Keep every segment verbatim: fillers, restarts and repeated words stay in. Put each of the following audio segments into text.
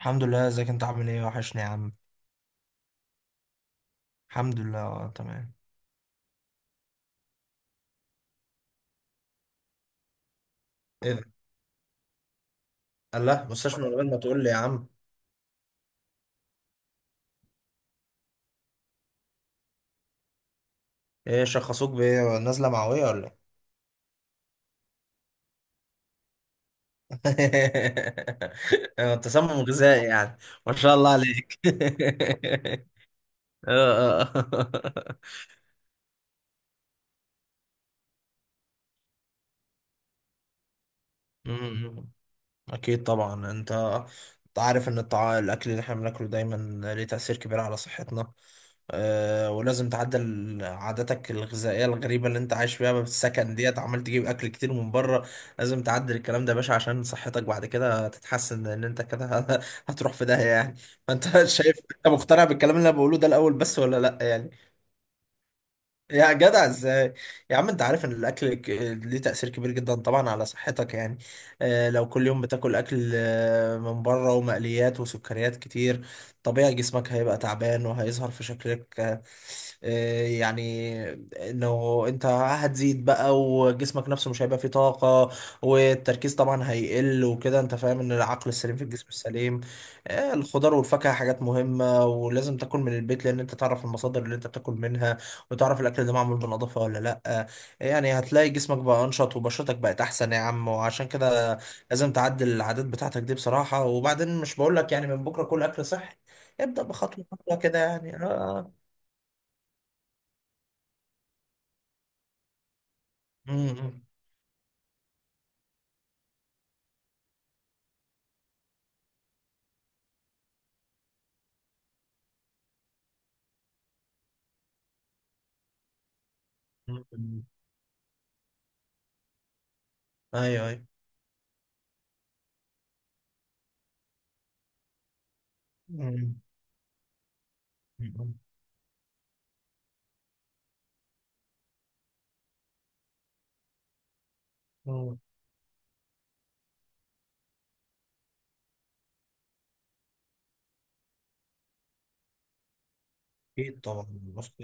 الحمد لله ازيك انت عامل ايه وحشني يا عم. الحمد لله، آه، تمام. ايه ده؟ قال لا مستشفى من غير ما تقول لي يا عم. ايه شخصوك بايه؟ نازله معويه ولا ايه؟ آه، تسمم غذائي يعني. ما شاء الله عليك. آه، آه. م- م. اكيد طبعا. انت أنت عارف ان الطع... الاكل اللي احنا بناكله دايما ليه تأثير كبير على صحتنا، أه، ولازم تعدل عاداتك الغذائية الغريبة اللي انت عايش فيها بالسكن ديت، عمال تجيب اكل كتير من بره. لازم تعدل الكلام ده يا باشا عشان صحتك بعد كده تتحسن ان انت كده هتروح في داهية يعني. فانت شايف انت مقتنع بالكلام اللي انا بقوله ده الاول بس، ولا لا يعني؟ يا جدع ازاي! يا عم انت عارف ان الاكل ك- ليه تأثير كبير جدا طبعا على صحتك يعني. اه لو كل يوم بتاكل اكل، آه، من بره ومقليات وسكريات كتير، طبيعي جسمك هيبقى تعبان وهيظهر في شكلك، آه، آه، يعني انه انت هتزيد بقى، وجسمك نفسه مش هيبقى فيه طاقة، والتركيز طبعا هيقل وكده. انت فاهم ان العقل السليم في الجسم السليم. آه، الخضار والفاكهة حاجات مهمة، ولازم تاكل من البيت لان انت تعرف المصادر اللي انت بتاكل منها، وتعرف الاكل ده معمول بنظافه ولا لا. يعني هتلاقي جسمك بقى انشط وبشرتك بقت احسن يا عم، وعشان كده لازم تعدل العادات بتاعتك دي بصراحه. وبعدين مش بقول لك يعني من بكره كل اكل صحي، ابدا، بخطوه خطوه كده يعني، اه. امم، ايوه ايوه. مم. مم. اكيد طبعا. بص،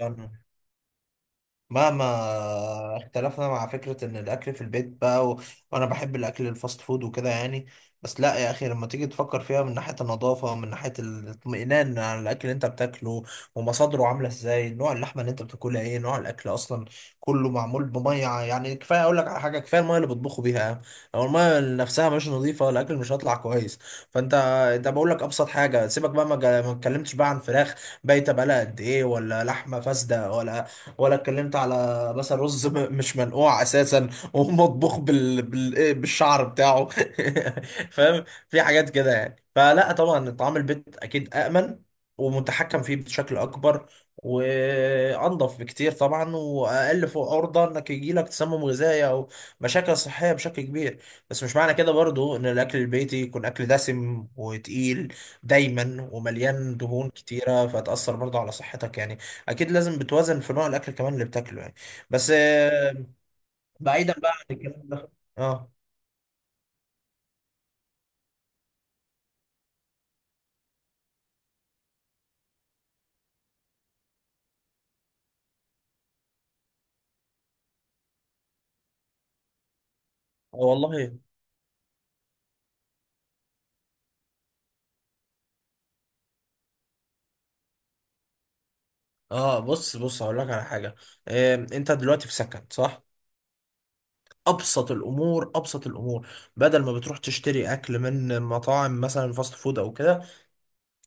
مهما اختلفنا مع فكرة ان الاكل في البيت بقى و... وانا بحب الاكل الفاست فود وكده يعني، بس لا يا اخي، لما تيجي تفكر فيها من ناحية النظافة، ومن ناحية الاطمئنان على الاكل اللي انت بتاكله، ومصادره عاملة ازاي، نوع اللحمة اللي انت بتاكلها ايه، نوع الاكل اصلا، كله معمول بمية يعني. كفاية اقول لك على حاجة، كفاية المية اللي بيطبخوا بيها، لو المية نفسها مش نظيفة الاكل مش هيطلع كويس. فانت، انت بقول لك ابسط حاجة سيبك بقى، ما جا- ما اتكلمتش بقى عن فراخ بايتة بقالها قد ايه، ولا لحمة فاسدة، ولا ولا اتكلمت على مثلا رز م- مش منقوع اساسا، ومطبوخ بال... بال... إيه، بالشعر بتاعه. فاهم؟ في حاجات كده يعني. فلا طبعا طعام البيت اكيد امن ومتحكم فيه بشكل اكبر، وانضف بكتير طبعا، واقل فوق عرضه انك يجي لك تسمم غذائي او مشاكل صحيه بشكل كبير. بس مش معنى كده برضو ان الاكل البيتي يكون اكل دسم وتقيل دايما ومليان دهون كتيره فتاثر برضو على صحتك يعني. اكيد لازم بتوازن في نوع الاكل كمان اللي بتاكله يعني. بس آه، بعيدا بقى عن الكلام ده، اه آه والله، اه، بص بص، هقول لك على حاجه. آه، انت دلوقتي في سكن صح؟ ابسط الامور، ابسط الامور، بدل ما بتروح تشتري اكل من مطاعم مثلا فاست فود او كده،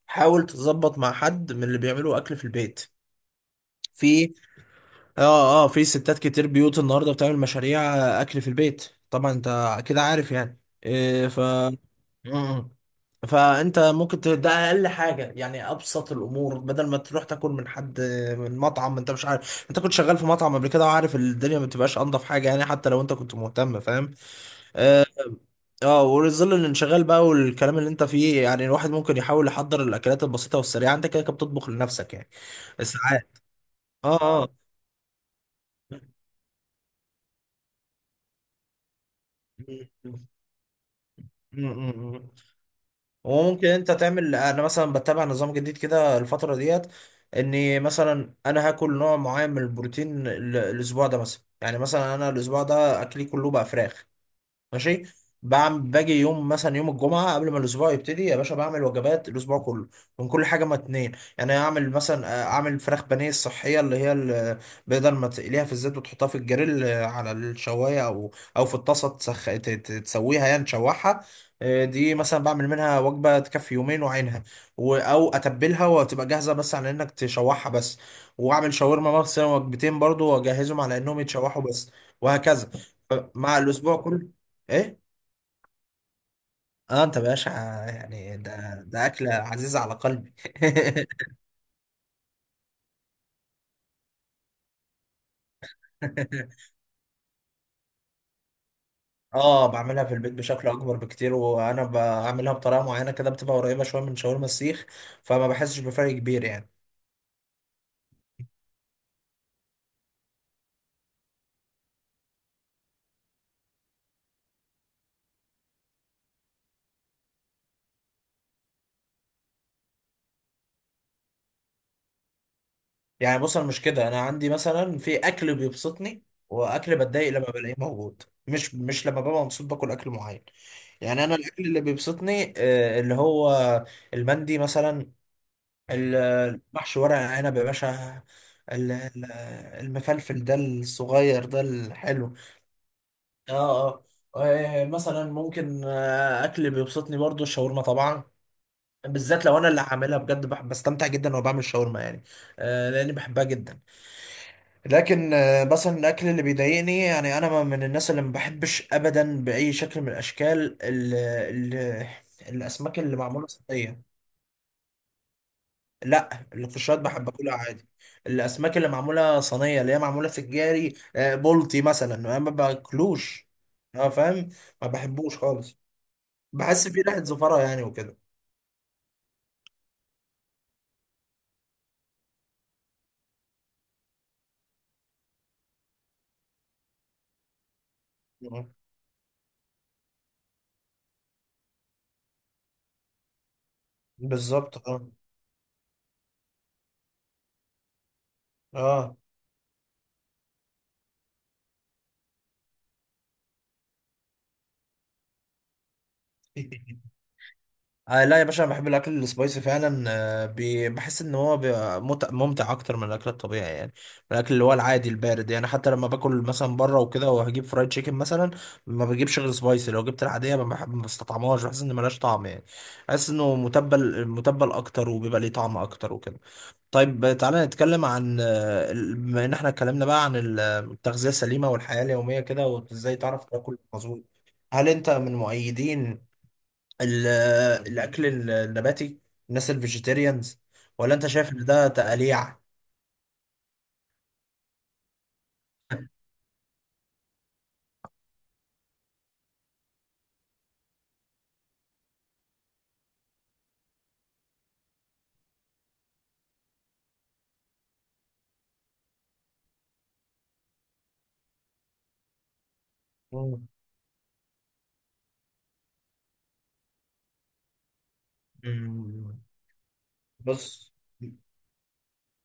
حاول تظبط مع حد من اللي بيعملوا اكل في البيت. في، اه اه، في ستات كتير بيوت النهارده بتعمل مشاريع اكل في البيت، طبعا انت كده عارف يعني إيه. ف مم. فانت ممكن ت... ده اقل حاجه يعني، ابسط الامور، بدل ما تروح تاكل من حد من مطعم انت مش عارف. انت كنت شغال في مطعم قبل كده وعارف الدنيا ما بتبقاش انضف حاجه يعني، حتى لو انت كنت مهتم، فاهم؟ اه. آه، وظل الانشغال بقى والكلام اللي انت فيه يعني، الواحد ممكن يحاول يحضر الاكلات البسيطه والسريعه، انت كده كده بتطبخ لنفسك يعني ساعات. اه اه. امم. وممكن انت تعمل، انا مثلا بتبع نظام جديد كده الفتره ديت، اني مثلا انا هاكل نوع معين من البروتين ال- الاسبوع ده مثلا، يعني مثلا انا الاسبوع ده اكلي كله بقى فراخ. ماشي، بعمل باجي يوم مثلا، يوم الجمعه قبل ما الاسبوع يبتدي يا باشا بعمل وجبات الاسبوع كله، من كل حاجه ما اتنين. يعني اعمل مثلا، آه، اعمل فراخ بانيه الصحيه اللي هي ال- بدل ما تقليها في الزيت وتحطها في الجريل، آه، على الشوايه، او او في الطاسه تسخ... ت- ت- تسويها يعني، تشوحها. آه، دي مثلا بعمل منها وجبه تكفي يومين وعينها. و... او اتبلها وتبقى جاهزه بس على انك تشوحها بس. واعمل شاورما مثلا وجبتين برضو، واجهزهم على انهم يتشوحوا بس، وهكذا مع الاسبوع كله. ايه؟ اه، انت باشا يعني، ده ده اكله عزيزه على قلبي. اه، بعملها في البيت بشكل اكبر بكتير، وانا بعملها بطريقه معينه كده بتبقى قريبه شويه من شاورما السيخ، فما بحسش بفرق كبير يعني. يعني بص، انا مش كده، انا عندي مثلا في اكل بيبسطني، واكل بتضايق لما بلاقيه موجود، مش مش لما ببقى مبسوط باكل اكل معين. يعني انا الاكل اللي بيبسطني، آه، اللي هو المندي مثلا، المحشي ورق عنب يا باشا، ال- ال- المفلفل ده الصغير ده الحلو. اه اه. آه، مثلا ممكن، آه، اكل بيبسطني برضو الشاورما طبعا، بالذات لو انا اللي هعملها بجد، بح- بستمتع جدا وانا بعمل شاورما يعني. آه، لاني بحبها جدا. لكن آه، مثلا الاكل اللي بيضايقني، يعني انا من الناس اللي ما بحبش ابدا باي شكل من الاشكال ال ال الاسماك اللي معموله صينيه. لا القشرات بحب اكلها عادي، الاسماك اللي معموله صينيه اللي هي معموله في الجاري، آه، بلطي مثلا انا ما باكلوش. اه، فاهم، ما بحبوش خالص، بحس فيه ريحه زفره يعني وكده. آه. بالظبط اه. اه آه، لا يا باشا، انا بحب الاكل السبايسي فعلا، آه، بي- بحس ان هو بيبقى مت- ممتع اكتر من الاكل الطبيعي يعني، الاكل اللي هو العادي البارد يعني. حتى لما باكل مثلا بره وكده وهجيب فرايد تشيكن مثلا، ما بجيبش غير سبايسي. لو جبت العاديه ما بحب، ما بستطعمهاش، بحس ان ملهاش طعم يعني، بحس انه متبل، متبل اكتر وبيبقى ليه طعم اكتر وكده. طيب تعالى نتكلم عن آه، ال- بما ان احنا اتكلمنا بقى عن ال- التغذيه السليمه والحياه اليوميه كده، وازاي تعرف تاكل مظبوط. هل انت من مؤيدين ال- الاكل النباتي، الناس الفيجيتيريانز، ولا انت شايف ان ده تقليع؟ مم. مم، بص،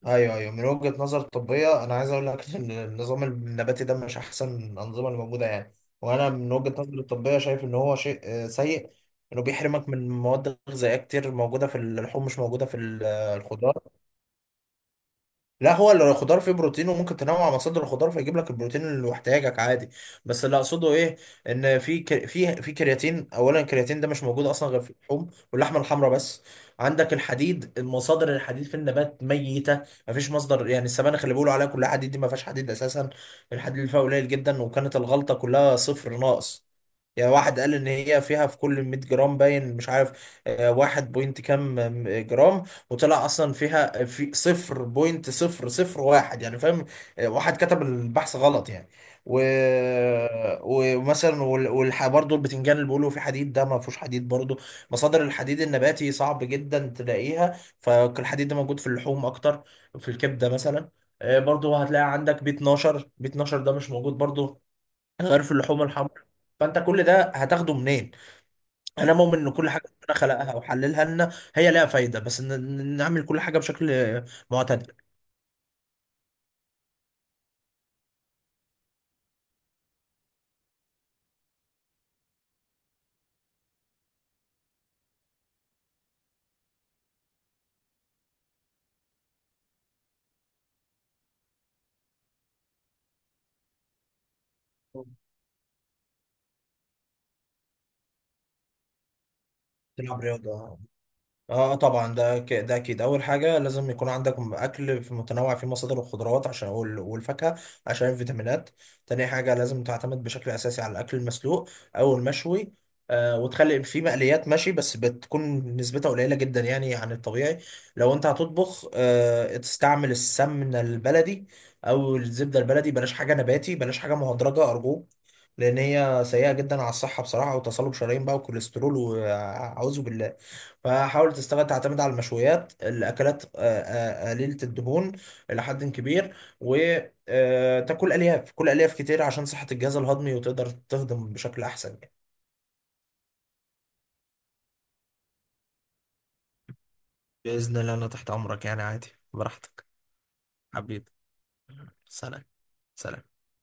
ايوه ايوه، من وجهة نظر طبية انا عايز اقول لك ان النظام النباتي ده مش احسن الانظمة اللي موجودة يعني، وانا من وجهة نظري الطبية شايف ان هو شيء آه، سيء، انه بيحرمك من مواد غذائية كتير موجودة في اللحوم مش موجودة في ال- الخضار. لا، هو اللي الخضار فيه بروتين، وممكن تنوع مصادر الخضار فيجيب لك البروتين اللي محتاجك عادي، بس اللي اقصده ايه؟ ان في ك- في في كرياتين، اولا الكرياتين ده مش موجود اصلا غير في اللحوم واللحمه الحمراء بس. عندك الحديد، مصادر الحديد في النبات ميته، مفيش مصدر يعني. السبانخ اللي بيقولوا عليها كلها حديد دي ما فيهاش حديد اساسا، الحديد اللي فيها قليل جدا، وكانت الغلطه كلها صفر ناقص يعني. واحد قال ان هي فيها في كل مية جرام، باين مش عارف، آه، واحد بوينت كام آم، جرام، وطلع اصلا فيها في صفر بوينت صفر صفر واحد، يعني فاهم؟ واحد كتب البحث غلط يعني. و... ومثلا وال... والح... برضه البتنجان اللي بيقولوا فيه حديد ده ما فيهوش حديد برضه. مصادر الحديد النباتي صعب جدا تلاقيها، فالحديد ده موجود في اللحوم اكتر، في الكبده مثلا. آه، برضه هتلاقي عندك بي اتناشر، بي اتناشر ده مش موجود برضه غير في اللحوم الحمراء. فانت كل ده هتاخده منين؟ انا مؤمن ان كل حاجه ربنا خلقها وحللها لنا هي لها فايده، بس إن- إن نعمل كل حاجه بشكل معتدل. تلعب رياضه، اه، آه، طبعا ده ك- ده اكيد اول حاجه. لازم يكون عندك اكل في متنوع فيه مصادر الخضروات عشان وال- والفاكهه، عشان الفيتامينات. تاني حاجه لازم تعتمد بشكل اساسي على الاكل المسلوق او المشوي، آه، وتخلي فيه مقليات ماشي، بس بتكون نسبتها قليله جدا يعني عن الطبيعي. لو انت هتطبخ، آه، تستعمل السمنه البلدي او الزبده البلدي، بلاش حاجه نباتي، بلاش حاجه مهدرجه ارجوك، لان هي سيئه جدا على الصحه بصراحه، وتصلب شرايين بقى وكوليسترول، وأعوذ بالله. فحاول تستغل، تعتمد على المشويات، الاكلات آه، آه، قليله الدهون الى حد كبير، وتاكل الياف، كل الياف كتير عشان صحه الجهاز الهضمي، وتقدر تهضم بشكل احسن يعني. بإذن الله أنا تحت أمرك يعني، عادي براحتك. حبيبي. سلام. سلام.